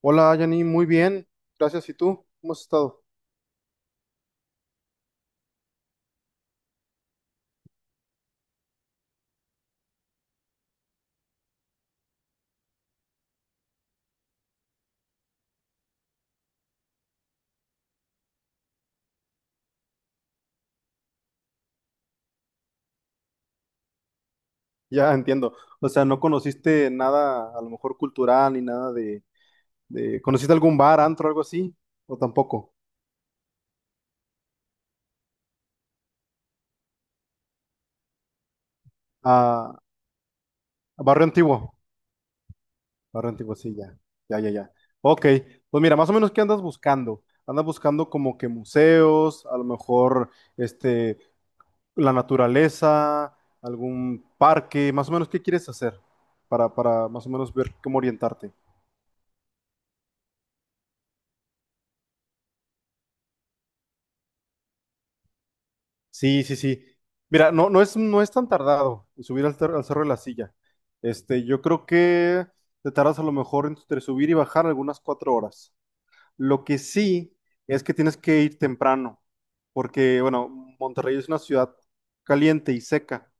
Hola, Yanni, muy bien. Gracias. ¿Y tú? ¿Cómo has estado? Ya entiendo. O sea, no conociste nada, a lo mejor cultural ni nada ¿Conociste algún bar, antro, algo así? ¿O tampoco? Ah, barrio antiguo. Barrio antiguo, sí, ya. Ya, ya, ya. Ok. Pues mira, más o menos, ¿qué andas buscando? Andas buscando como que museos, a lo mejor, este, la naturaleza, algún parque, más o menos, ¿qué quieres hacer? Para más o menos ver cómo orientarte. Sí, sí, sí. Mira, no, no es tan tardado en subir al, al Cerro de la Silla. Yo creo que te tardas a lo mejor entre subir y bajar algunas 4 horas. Lo que sí es que tienes que ir temprano, porque, bueno, Monterrey es una ciudad caliente y seca.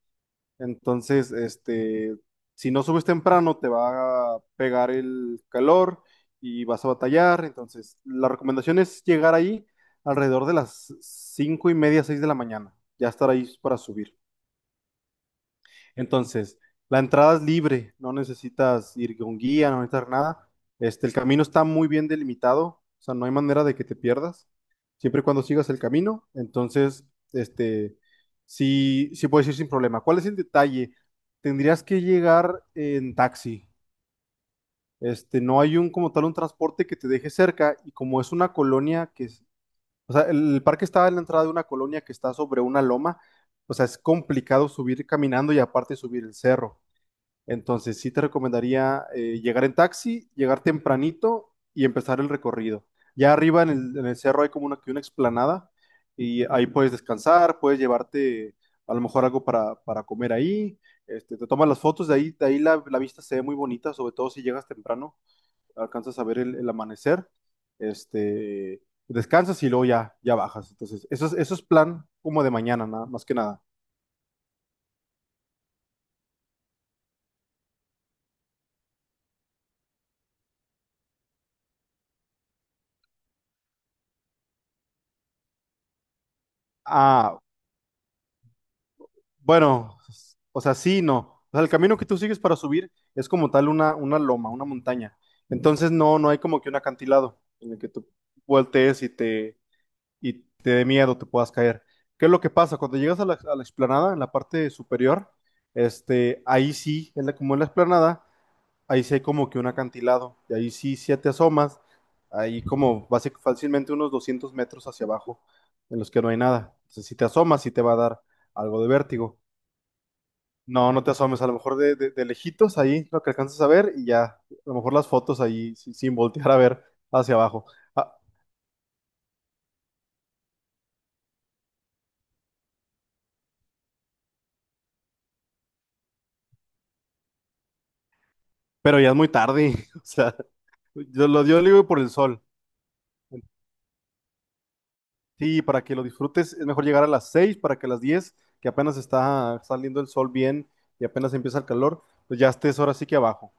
Entonces, si no subes temprano, te va a pegar el calor y vas a batallar. Entonces, la recomendación es llegar ahí alrededor de las 5:30, 6 de la mañana. Ya estar ahí para subir. Entonces, la entrada es libre, no necesitas ir con guía, no necesitas nada. El camino está muy bien delimitado, o sea, no hay manera de que te pierdas, siempre y cuando sigas el camino. Entonces, este, sí, sí puedes ir sin problema. ¿Cuál es el detalle? Tendrías que llegar en taxi. No hay un como tal un transporte que te deje cerca y como es una colonia que, o sea, el parque está en la entrada de una colonia que está sobre una loma, o sea, es complicado subir caminando y aparte subir el cerro. Entonces sí te recomendaría llegar en taxi, llegar tempranito y empezar el recorrido. Ya arriba en el cerro hay como una, que una explanada y ahí puedes descansar, puedes llevarte a lo mejor algo para comer ahí. Te tomas las fotos, de ahí la vista se ve muy bonita, sobre todo si llegas temprano, alcanzas a ver el, amanecer, este, descansas y luego ya, ya bajas. Entonces, eso es plan como de mañana, nada, más que nada. Ah, Bueno, o sea, sí, y no. O sea, el camino que tú sigues para subir es como tal una loma, una montaña. Entonces no, no hay como que un acantilado en el que tú voltees y y te dé miedo, te puedas caer. ¿Qué es lo que pasa? Cuando llegas a la, explanada, en la parte superior, ahí sí, como en la explanada, ahí sí hay como que un acantilado. Y ahí sí, sí te asomas, ahí como fácilmente unos 200 metros hacia abajo, en los que no hay nada. Entonces, si te asomas, sí te va a dar algo de vértigo. No, no te asomes, a lo mejor de lejitos ahí lo que alcanzas a ver y ya, a lo mejor las fotos ahí sin voltear a ver hacia abajo. Ah, pero ya es muy tarde, o sea, yo digo por el sol. Sí, para que lo disfrutes es mejor llegar a las 6 para que a las 10 que apenas está saliendo el sol bien y apenas empieza el calor, pues ya estés ahora sí que abajo.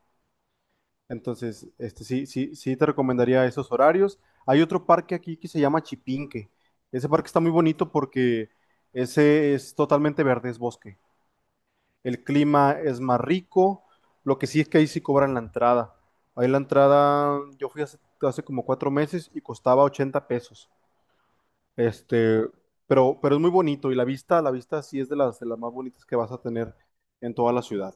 Entonces, sí, sí, sí te recomendaría esos horarios. Hay otro parque aquí que se llama Chipinque. Ese parque está muy bonito porque ese es totalmente verde, es bosque. El clima es más rico. Lo que sí es que ahí sí cobran la entrada. Ahí la entrada, yo fui hace como 4 meses y costaba $80. Este, pero es muy bonito y la vista sí es de de las más bonitas que vas a tener en toda la ciudad.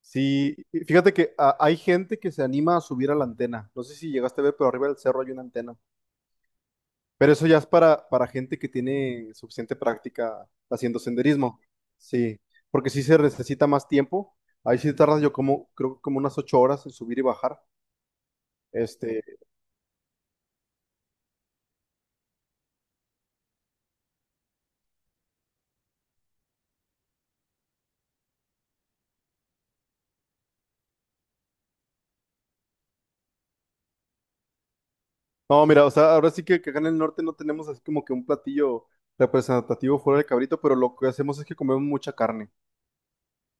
Sí, y fíjate que hay gente que se anima a subir a la antena. No sé si llegaste a ver, pero arriba del cerro hay una antena. Pero eso ya es para gente que tiene suficiente práctica haciendo senderismo. Sí, porque sí se necesita más tiempo. Ahí sí tardas yo como, creo que como unas 8 horas en subir y bajar. Este, no, mira, o sea, ahora sí que, acá en el norte no tenemos así como que un platillo representativo fuera del cabrito, pero lo que hacemos es que comemos mucha carne.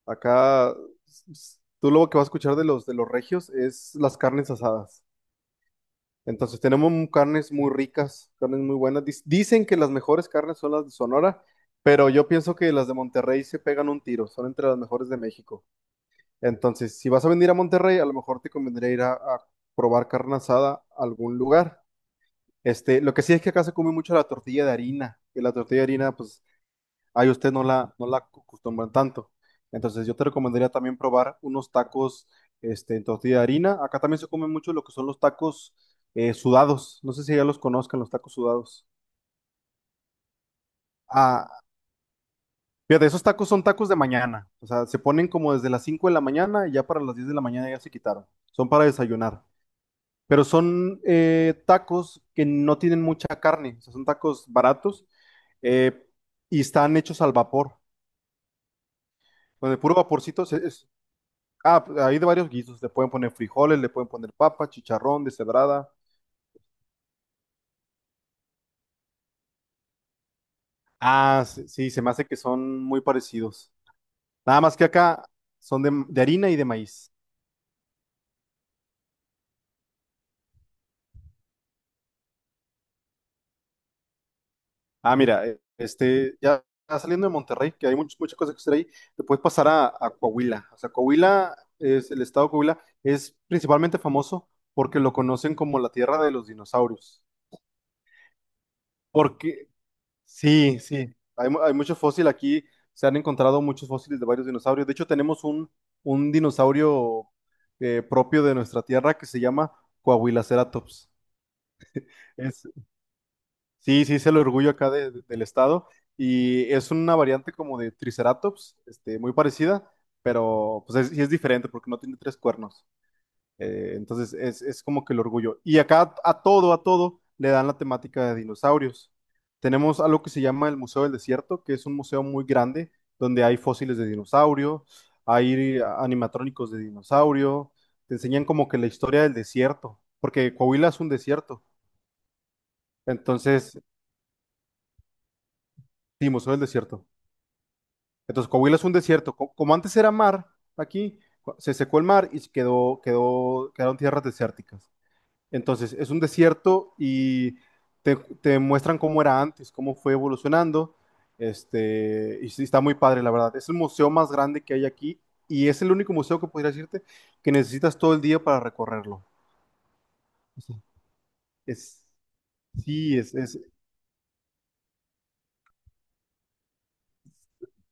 Acá, tú lo que vas a escuchar de de los regios es las carnes asadas. Entonces tenemos carnes muy ricas, carnes muy buenas. Dicen que las mejores carnes son las de Sonora, pero yo pienso que las de Monterrey se pegan un tiro, son entre las mejores de México. Entonces, si vas a venir a Monterrey, a lo mejor te convendría ir a probar carne asada a algún lugar. Lo que sí es que acá se come mucho la tortilla de harina, que la tortilla de harina, pues ay, usted no la acostumbran tanto. Entonces, yo te recomendaría también probar unos tacos en tortilla de harina. Acá también se come mucho lo que son los tacos sudados. No sé si ya los conozcan, los tacos sudados. Ah, fíjate, esos tacos son tacos de mañana. O sea, se ponen como desde las 5 de la mañana y ya para las 10 de la mañana ya se quitaron. Son para desayunar. Pero son tacos que no tienen mucha carne. O sea, son tacos baratos eh, y están hechos al vapor. Con el puro vaporcito, ah, pues, hay de varios guisos. Le pueden poner frijoles, le pueden poner papa, chicharrón, deshebrada. Ah, sí, sí, se me hace que son muy parecidos. Nada más que acá son de harina y de maíz. Ah, mira, ya saliendo de Monterrey, que hay muchas cosas que hacer ahí, te puedes pasar a Coahuila. O sea, el estado de Coahuila es principalmente famoso porque lo conocen como la tierra de los dinosaurios. Porque sí, sí, hay mucho fósil aquí, se han encontrado muchos fósiles de varios dinosaurios. De hecho, tenemos un dinosaurio propio de nuestra tierra que se llama Coahuilaceratops. Es, sí, sí, es el orgullo acá del estado y es una variante como de Triceratops, muy parecida, pero sí es diferente porque no tiene tres cuernos. Entonces es como que el orgullo. Y acá a todo le dan la temática de dinosaurios. Tenemos algo que se llama el Museo del Desierto, que es un museo muy grande donde hay fósiles de dinosaurio, hay animatrónicos de dinosaurio, te enseñan como que la historia del desierto, porque Coahuila es un desierto. Entonces, sí, Museo del Desierto. Entonces, Coahuila es un desierto. Como antes era mar, aquí se secó el mar y quedaron tierras desérticas. Entonces, es un desierto y te, te muestran cómo era antes, cómo fue evolucionando. Y sí, está muy padre, la verdad. Es el museo más grande que hay aquí y es el único museo que podría decirte que necesitas todo el día para recorrerlo. O sea, Es, sí, es, es-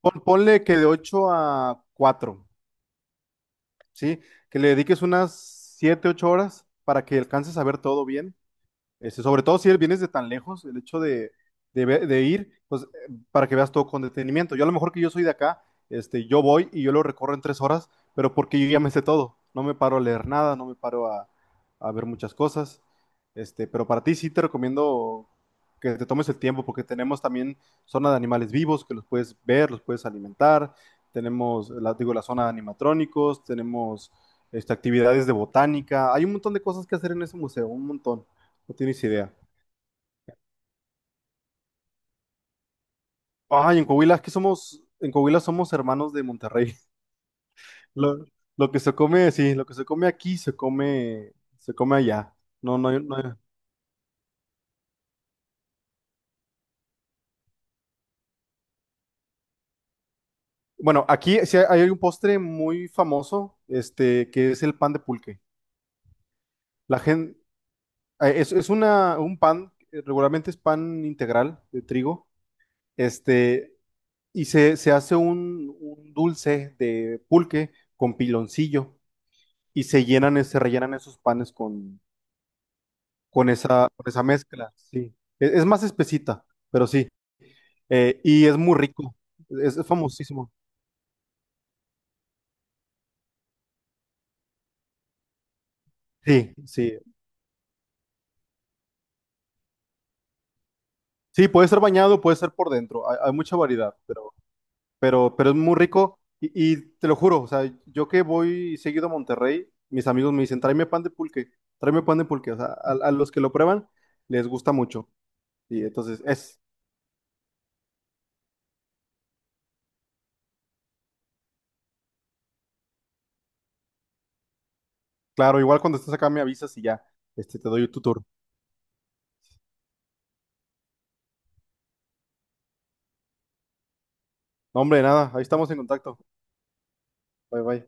pon- ponle que de 8 a 4, ¿sí? Que le dediques unas 7 u 8 horas para que alcances a ver todo bien. Sobre todo si vienes de tan lejos, el hecho de ir, pues para que veas todo con detenimiento. Yo a lo mejor que yo soy de acá, yo voy y yo lo recorro en 3 horas, pero porque yo ya me sé todo. No me paro a leer nada, no me paro a ver muchas cosas. Pero para ti sí te recomiendo que te tomes el tiempo, porque tenemos también zona de animales vivos que los puedes ver, los puedes alimentar. Tenemos, la, digo, la zona de animatrónicos, tenemos actividades de botánica. Hay un montón de cosas que hacer en ese museo, un montón. No tienes idea. Ay, en Coahuila, es que somos, en Coahuila somos hermanos de Monterrey. Lo, lo que se come, sí, lo que se come aquí se come allá. No, no, no. Bueno, aquí sí hay un postre muy famoso, que es el pan de pulque. La gente, es una, un pan, regularmente es pan integral de trigo, este, y se hace un dulce de pulque con piloncillo y se rellenan esos panes con con esa mezcla, sí. Es más espesita, pero sí. Y es muy rico, es famosísimo. Sí, sí. Sí, puede ser bañado, puede ser por dentro, hay mucha variedad, pero es muy rico y te lo juro, o sea, yo que voy seguido a Monterrey, mis amigos me dicen, tráeme pan de pulque, tráeme pan de pulque, o sea, a los que lo prueban les gusta mucho. Y entonces es, claro, igual cuando estés acá me avisas y ya, te doy tu tour. No, hombre, nada, ahí estamos en contacto. Bye, bye.